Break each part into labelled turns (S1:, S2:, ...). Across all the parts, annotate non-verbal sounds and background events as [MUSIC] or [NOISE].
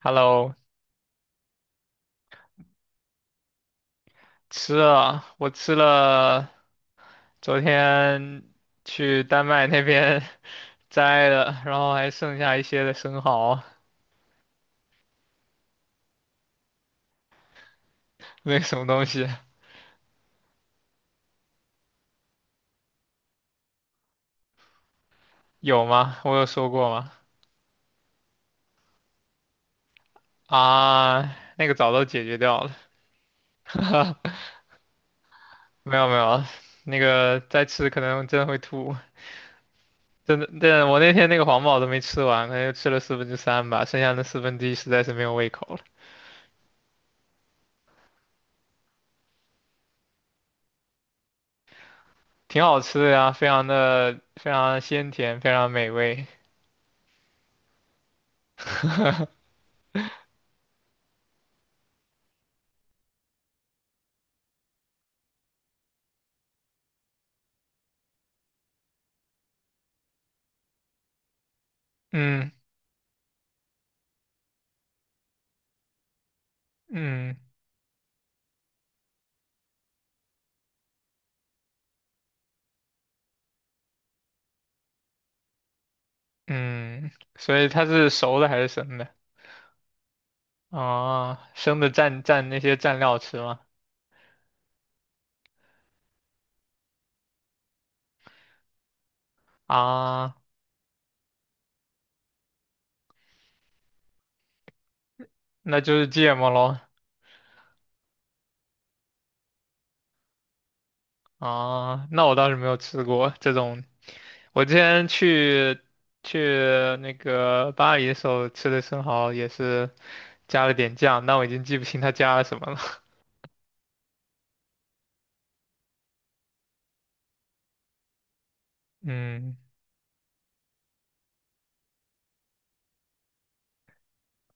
S1: Hello，吃了，我吃了，昨天去丹麦那边 [LAUGHS] 摘的，然后还剩下一些的生蚝，那个什么东西？有吗？我有说过吗？啊，那个早都解决掉了，没有没有，那个再吃可能真的会吐，真的，对，我那天那个黄堡都没吃完，那就吃了四分之三吧，剩下那四分之一实在是没有胃口了，挺好吃的呀，非常鲜甜，非常美味，[LAUGHS] 嗯嗯。嗯，所以它是熟的还是生的？啊，生的蘸蘸那些蘸料吃吗？啊，那就是芥末喽。啊，那我倒是没有吃过这种。我之前去那个巴黎的时候吃的生蚝也是加了点酱，但我已经记不清它加了什么了。[LAUGHS] 嗯，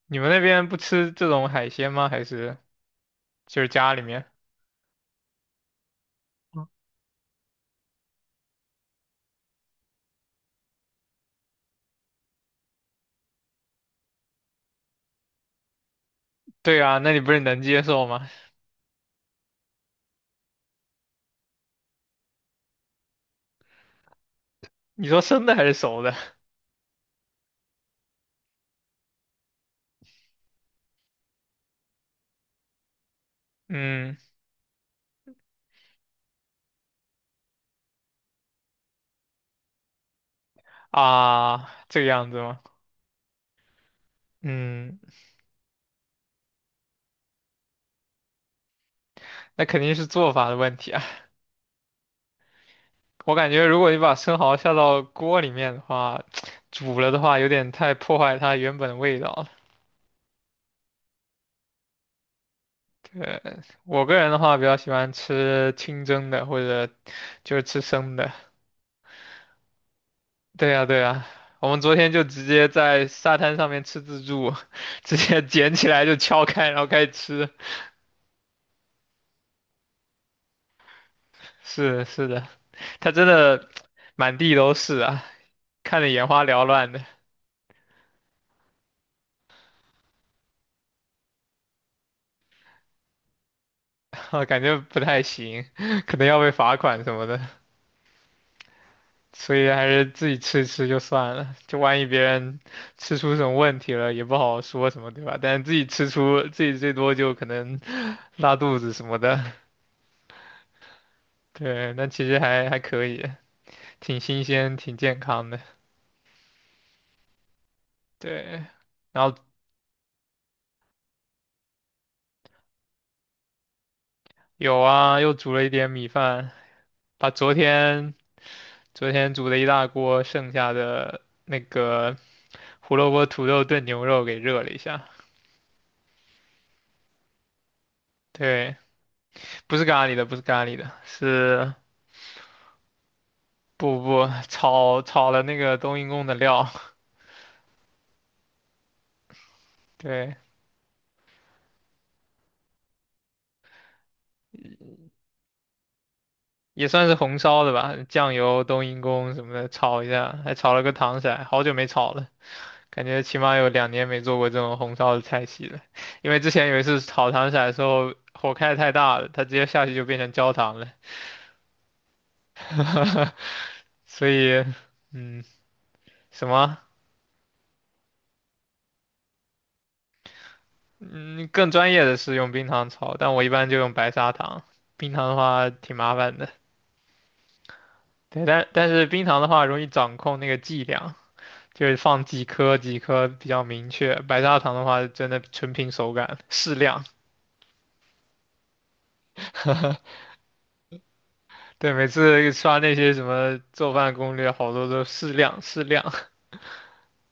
S1: 你们那边不吃这种海鲜吗？还是就是家里面？对啊，那你不是能接受吗？你说生的还是熟的？[LAUGHS] 嗯。啊，这个样子吗？嗯，那肯定是做法的问题啊。我感觉如果你把生蚝下到锅里面的话，[TSK] 煮了的话有点太破坏它原本的味道了。对，我个人的话比较喜欢吃清蒸的，或者就是吃生的。对呀，对呀，我们昨天就直接在沙滩上面吃自助，[LAUGHS] 直接捡起来就敲开，然后开始吃。是的是的，它真的满地都是啊，看得眼花缭乱的。啊，感觉不太行，[LAUGHS] 可能要被罚款什么的，所以还是自己吃一吃就算了。就万一别人吃出什么问题了，也不好说什么，对吧？但是自己吃出，自己最多就可能 [LAUGHS] 拉肚子什么的。对，那其实还可以，挺新鲜，挺健康的。对，然后有啊，又煮了一点米饭，把昨天煮的一大锅剩下的那个胡萝卜土豆炖牛肉给热了一下。对。不是咖喱的，不是咖喱的，是不炒了那个冬阴功的料，[LAUGHS] 对，也算是红烧的吧，酱油、冬阴功什么的炒一下，还炒了个糖色，好久没炒了，感觉起码有2年没做过这种红烧的菜系了，因为之前有一次炒糖色的时候火开得太大了，它直接下去就变成焦糖了，[LAUGHS] 所以嗯，什么嗯更专业的是用冰糖炒，但我一般就用白砂糖，冰糖的话挺麻烦的。对，但是冰糖的话容易掌控那个剂量，就是放几颗几颗比较明确。白砂糖的话，真的纯凭手感，适量。[LAUGHS] 对，每次刷那些什么做饭攻略，好多都适量适量，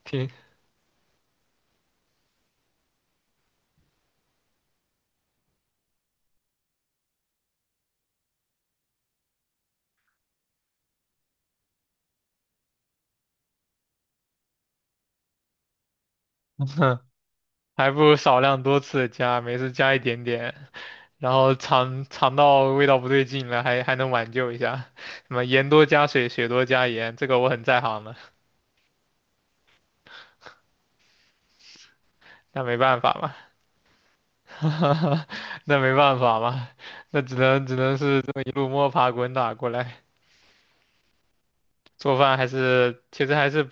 S1: 挺，[LAUGHS] 还不如少量多次的加，每次加一点点，然后尝到味道不对劲了，还能挽救一下。什么盐多加水，水多加盐，这个我很在行的，那没办法嘛。[LAUGHS] 那没办法嘛，那只能是这么一路摸爬滚打过来。做饭还是其实还是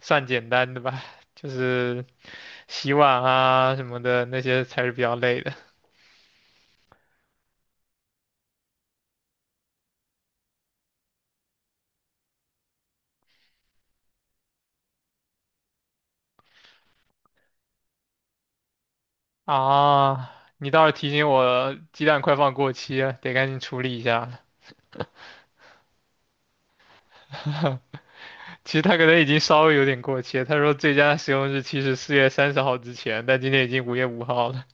S1: 算简单的吧，就是洗碗啊什么的那些才是比较累的啊。你倒是提醒我，鸡蛋快放过期了，得赶紧处理一下了。其实它可能已经稍微有点过期了，他说最佳使用日期是4月30号之前，但今天已经5月5号了。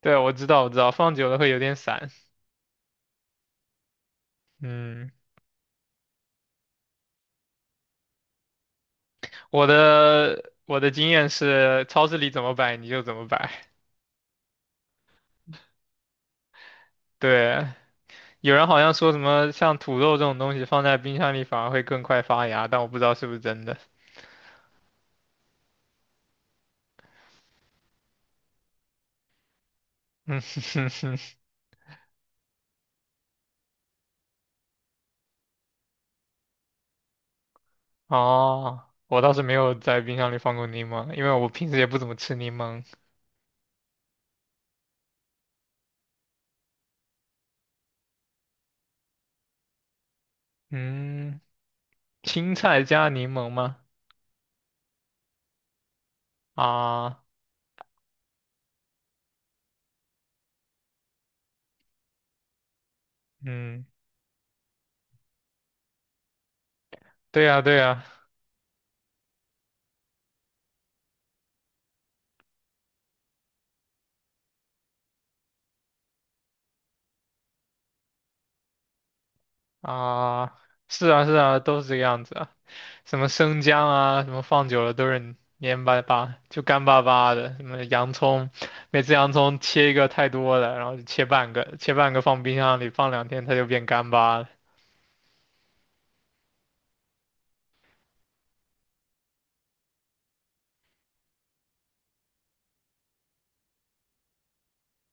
S1: 对，我知道，我知道，放久了会有点散。嗯，我的经验是，超市里怎么摆你就怎么摆。对，有人好像说什么像土豆这种东西放在冰箱里反而会更快发芽，但我不知道是不是真的。嗯哼哼，[LAUGHS] 哦，我倒是没有在冰箱里放过柠檬，因为我平时也不怎么吃柠檬。嗯，青菜加柠檬吗？啊，嗯，对呀对呀，啊，是啊是啊，都是这个样子啊，什么生姜啊，什么放久了都是黏巴巴，就干巴巴的。什么洋葱，每次洋葱切一个太多了，然后就切半个，切半个放冰箱里放两天，它就变干巴了。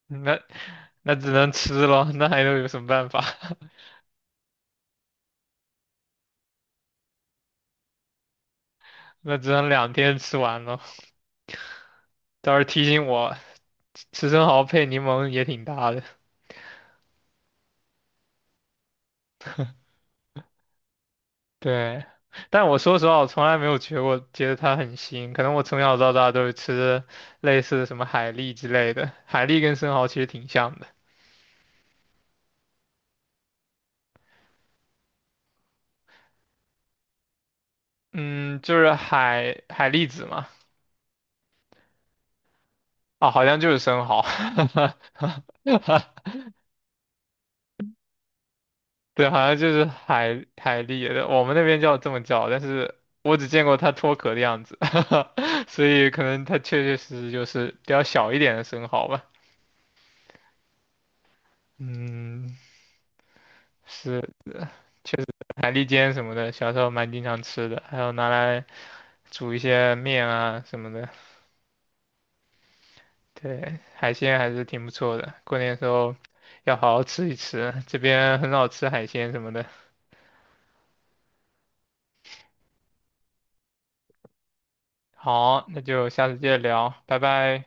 S1: 那那只能吃了，那还能有什么办法？[LAUGHS] 那只能2天吃完咯。倒是提醒我，吃生蚝配柠檬也挺搭的。对，但我说实话，我从来没有觉得我觉得它很腥，可能我从小到大都是吃类似什么海蛎之类的，海蛎跟生蚝其实挺像的，嗯，就是海蛎子嘛，啊，好像就是生蚝，[LAUGHS] 对，好像就是海蛎的我们那边叫这么叫，但是我只见过它脱壳的样子，[LAUGHS] 所以可能它确确实实就是比较小一点的生蚝吧，嗯，是。确实海蛎煎什么的，小时候蛮经常吃的，还有拿来煮一些面啊什么的。对，海鲜还是挺不错的，过年的时候要好好吃一吃，这边很少吃海鲜什么的。好，那就下次接着聊，拜拜。